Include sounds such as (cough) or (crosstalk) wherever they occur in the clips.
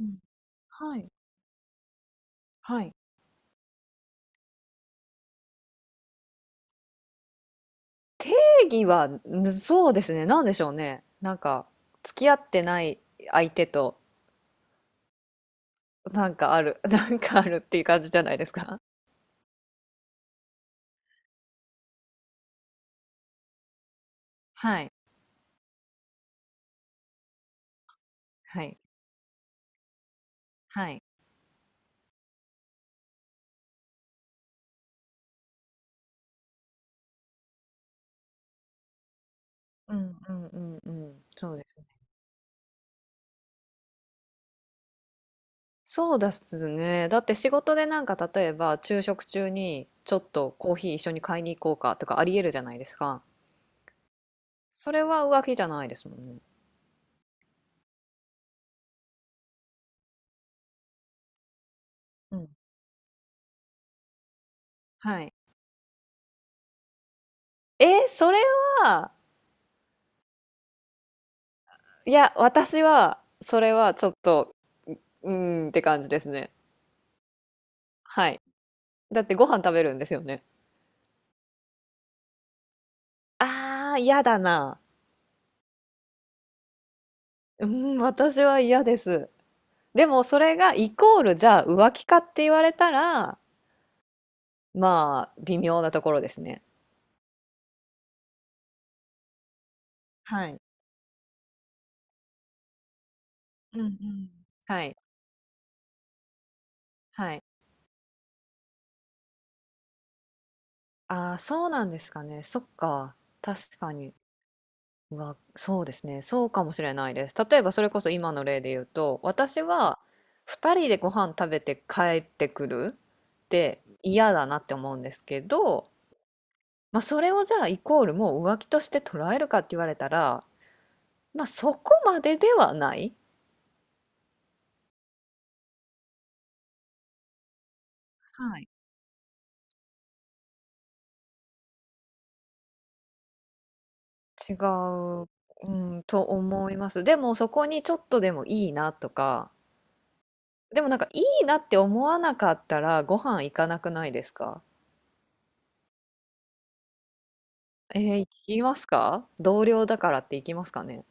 うん。はい。はい。定義は、そうですね。なんでしょうね。なんか、付き合ってない相手と、なんかある、(laughs) なんかあるっていう感じじゃないですか。はい。はい。はい。うんうんうんうん。そうですね。そうですね。だって仕事でなんか例えば昼食中にちょっとコーヒー一緒に買いに行こうかとかありえるじゃないですか。それは浮気じゃないですもんね。うん。はい。えそれは、いや、私は、それはちょっとうーんって感じですね。はい。だってご飯食べるんですよね。ああ、嫌だな。うん、私は嫌です。でもそれがイコール、じゃあ浮気かって言われたら、まあ、微妙なところですね。はい。うんうん。はい、はい。ああ、そうなんですかね。そっか、確かに。うわ、そうですね。そうかもしれないです。例えばそれこそ今の例で言うと、私は2人でご飯食べて帰ってくるって嫌だなって思うんですけど、まあ、それをじゃあイコールもう浮気として捉えるかって言われたら、まあ、そこまでではない。はい。違う、うん、と思います。でもそこにちょっとでもいいなとか、でもなんかいいなって思わなかったらご飯行かなくないですか。ええ、行きますか？同僚だからって行きますかね？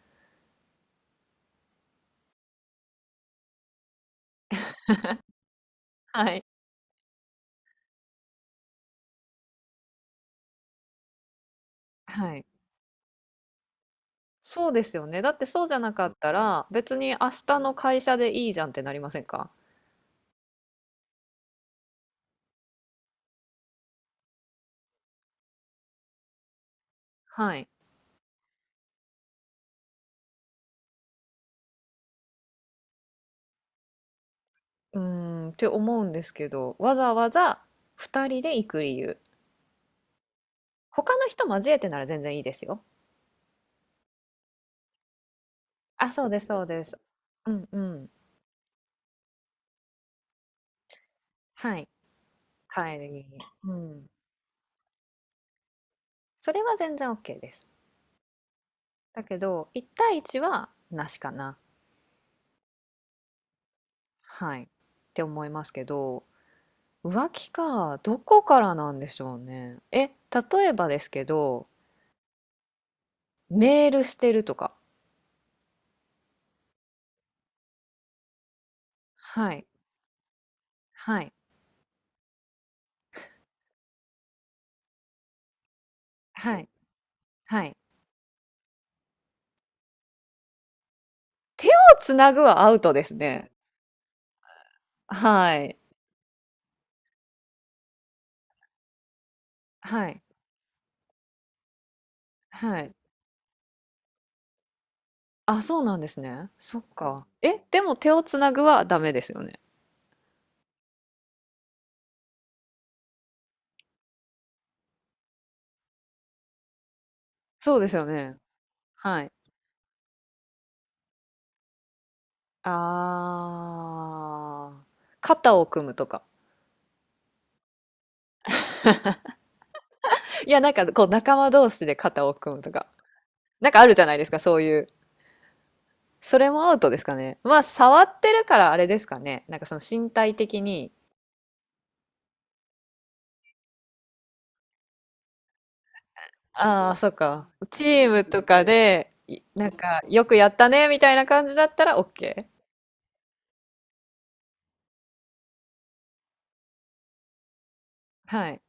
はい。はい。そうですよね。だってそうじゃなかったら、別に明日の会社でいいじゃんってなりませんか？はい。うーん、って思うんですけど、わざわざ2人で行く理由。他の人交えてなら全然いいですよ。あ、そうですそうです。うんうん。はい。帰りに。うん。それは全然オッケーです。だけど、1対1はなしかな。はい。って思いますけど。浮気か。どこからなんでしょうね。え、例えばですけど、メールしてるとか。はい。はい。はい。はい。手をつなぐはアウトですね。はい。はい。はい。あ、そうなんですね。そっか。え、でも手をつなぐはダメですよね。そうですよね。はい。ああ。肩を組むとか。いや、なんかこう仲間同士で肩を組むとか。なんかあるじゃないですか、そういう。それもアウトですかね。まあ、触ってるからあれですかね。なんかその身体的に、ああ、そっか。チームとかで、なんか、よくやったね、みたいな感じだったら OK。はい。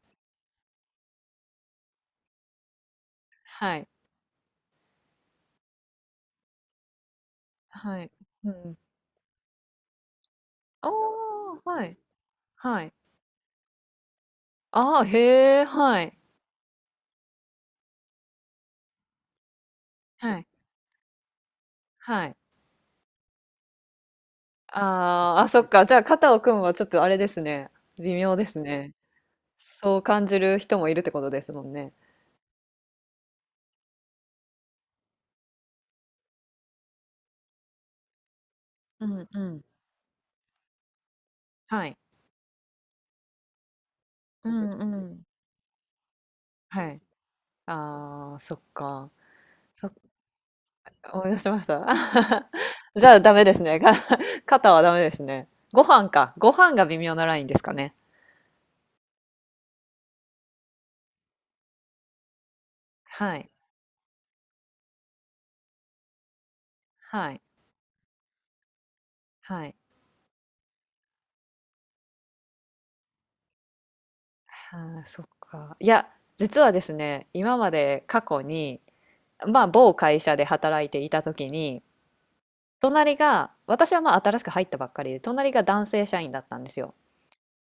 はい。はい。うん。おー、はい。はい。ああ、へえ、はい。はい。はい。あーあ、そっか。じゃあ、肩を組むはちょっとあれですね。微妙ですね。そう感じる人もいるってことですもんね。うんうん。はい。うんうん。はい。ああ、そっか。そ (laughs) 思い出しました。(laughs) じゃあダメですね。(laughs) 肩はダメですね。ご飯か。ご飯が微妙なラインですかね。はい。はい。はい。ああ、そっか。いや、実はですね、今まで過去に、まあ、某会社で働いていた時に、隣が、私はまあ新しく入ったばっかりで、隣が男性社員だったんですよ。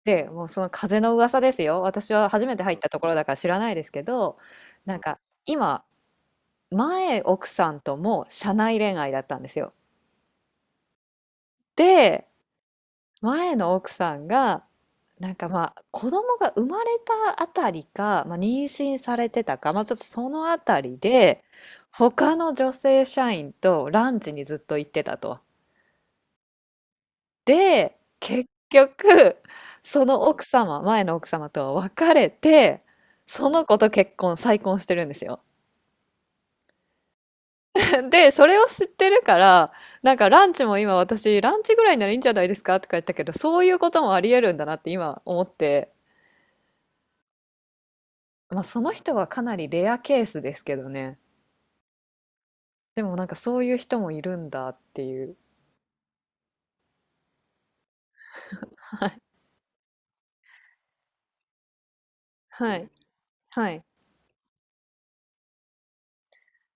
で、もうその風の噂ですよ。私は初めて入ったところだから知らないですけど、なんか、今、前奥さんとも社内恋愛だったんですよ。で、前の奥さんが、なんかまあ子供が生まれたあたりか、まあ、妊娠されてたか、まあ、ちょっとそのあたりで他の女性社員とランチにずっと行ってたと。で結局その奥様前の奥様とは別れてその子と結婚再婚してるんですよ。(laughs) で、それを知ってるから、なんかランチも今私、ランチぐらいならいいんじゃないですかとか言ったけど、そういうこともありえるんだなって今思って、まあその人はかなりレアケースですけどね。でもなんかそういう人もいるんだっていう。はい。はい。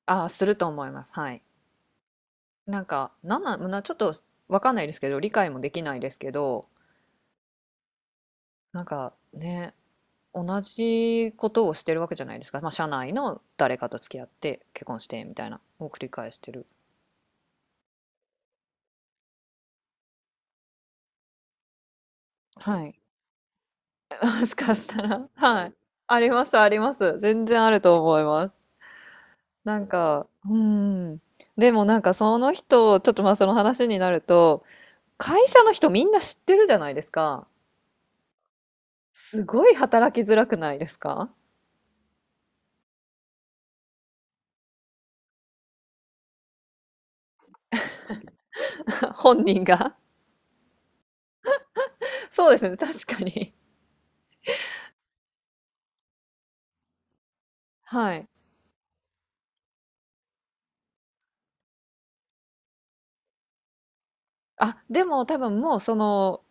ああ、すると思います。はい。なんか、なんなんなちょっとわかんないですけど、理解もできないですけど、なんかね、同じことをしてるわけじゃないですか。まあ社内の誰かと付き合って結婚してみたいなを繰り返してる。はい。(laughs) もしかしたら、はい。あります、あります。全然あると思います。なんか、うん。でもなんかその人、ちょっとまあその話になると、会社の人みんな知ってるじゃないですか。すごい働きづらくないですか。 (laughs) 本人が。そうですね、確かに。はい。あ、でも多分もうその、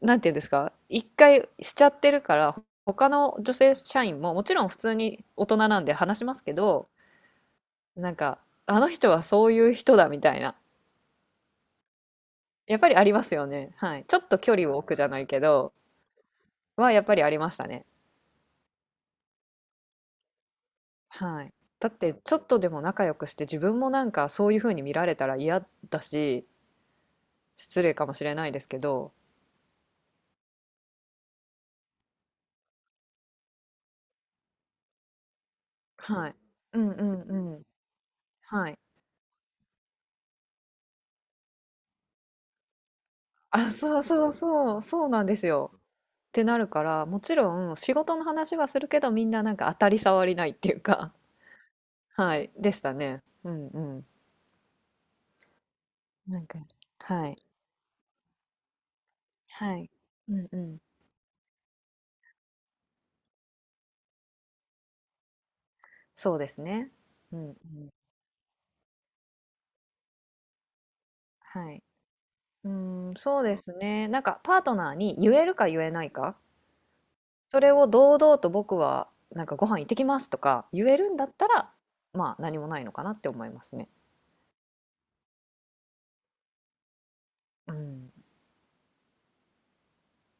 なんていうんですか、一回しちゃってるから、他の女性社員ももちろん普通に大人なんで話しますけど、なんか、あの人はそういう人だみたいな。やっぱりありますよね。はい。ちょっと距離を置くじゃないけど、はやっぱりありましたね。はい。だって、ちょっとでも仲良くして自分もなんかそういう風に見られたら嫌だし、失礼かもしれないですけど、はい。うんうんうん。はい。あ、そうそうそう、そうなんですよ。ってなるから、もちろん仕事の話はするけど、みんななんか当たり障りないっていうか、はい、でしたね。うんうん。なんか、はい。はい。うんうん。そうですね。うんうん。はい。うーん、そうですね。なんかパートナーに言えるか言えないか、それを堂々と僕はなんかご飯行ってきますとか言えるんだったら、まあ何もないのかなって思いますね。うん。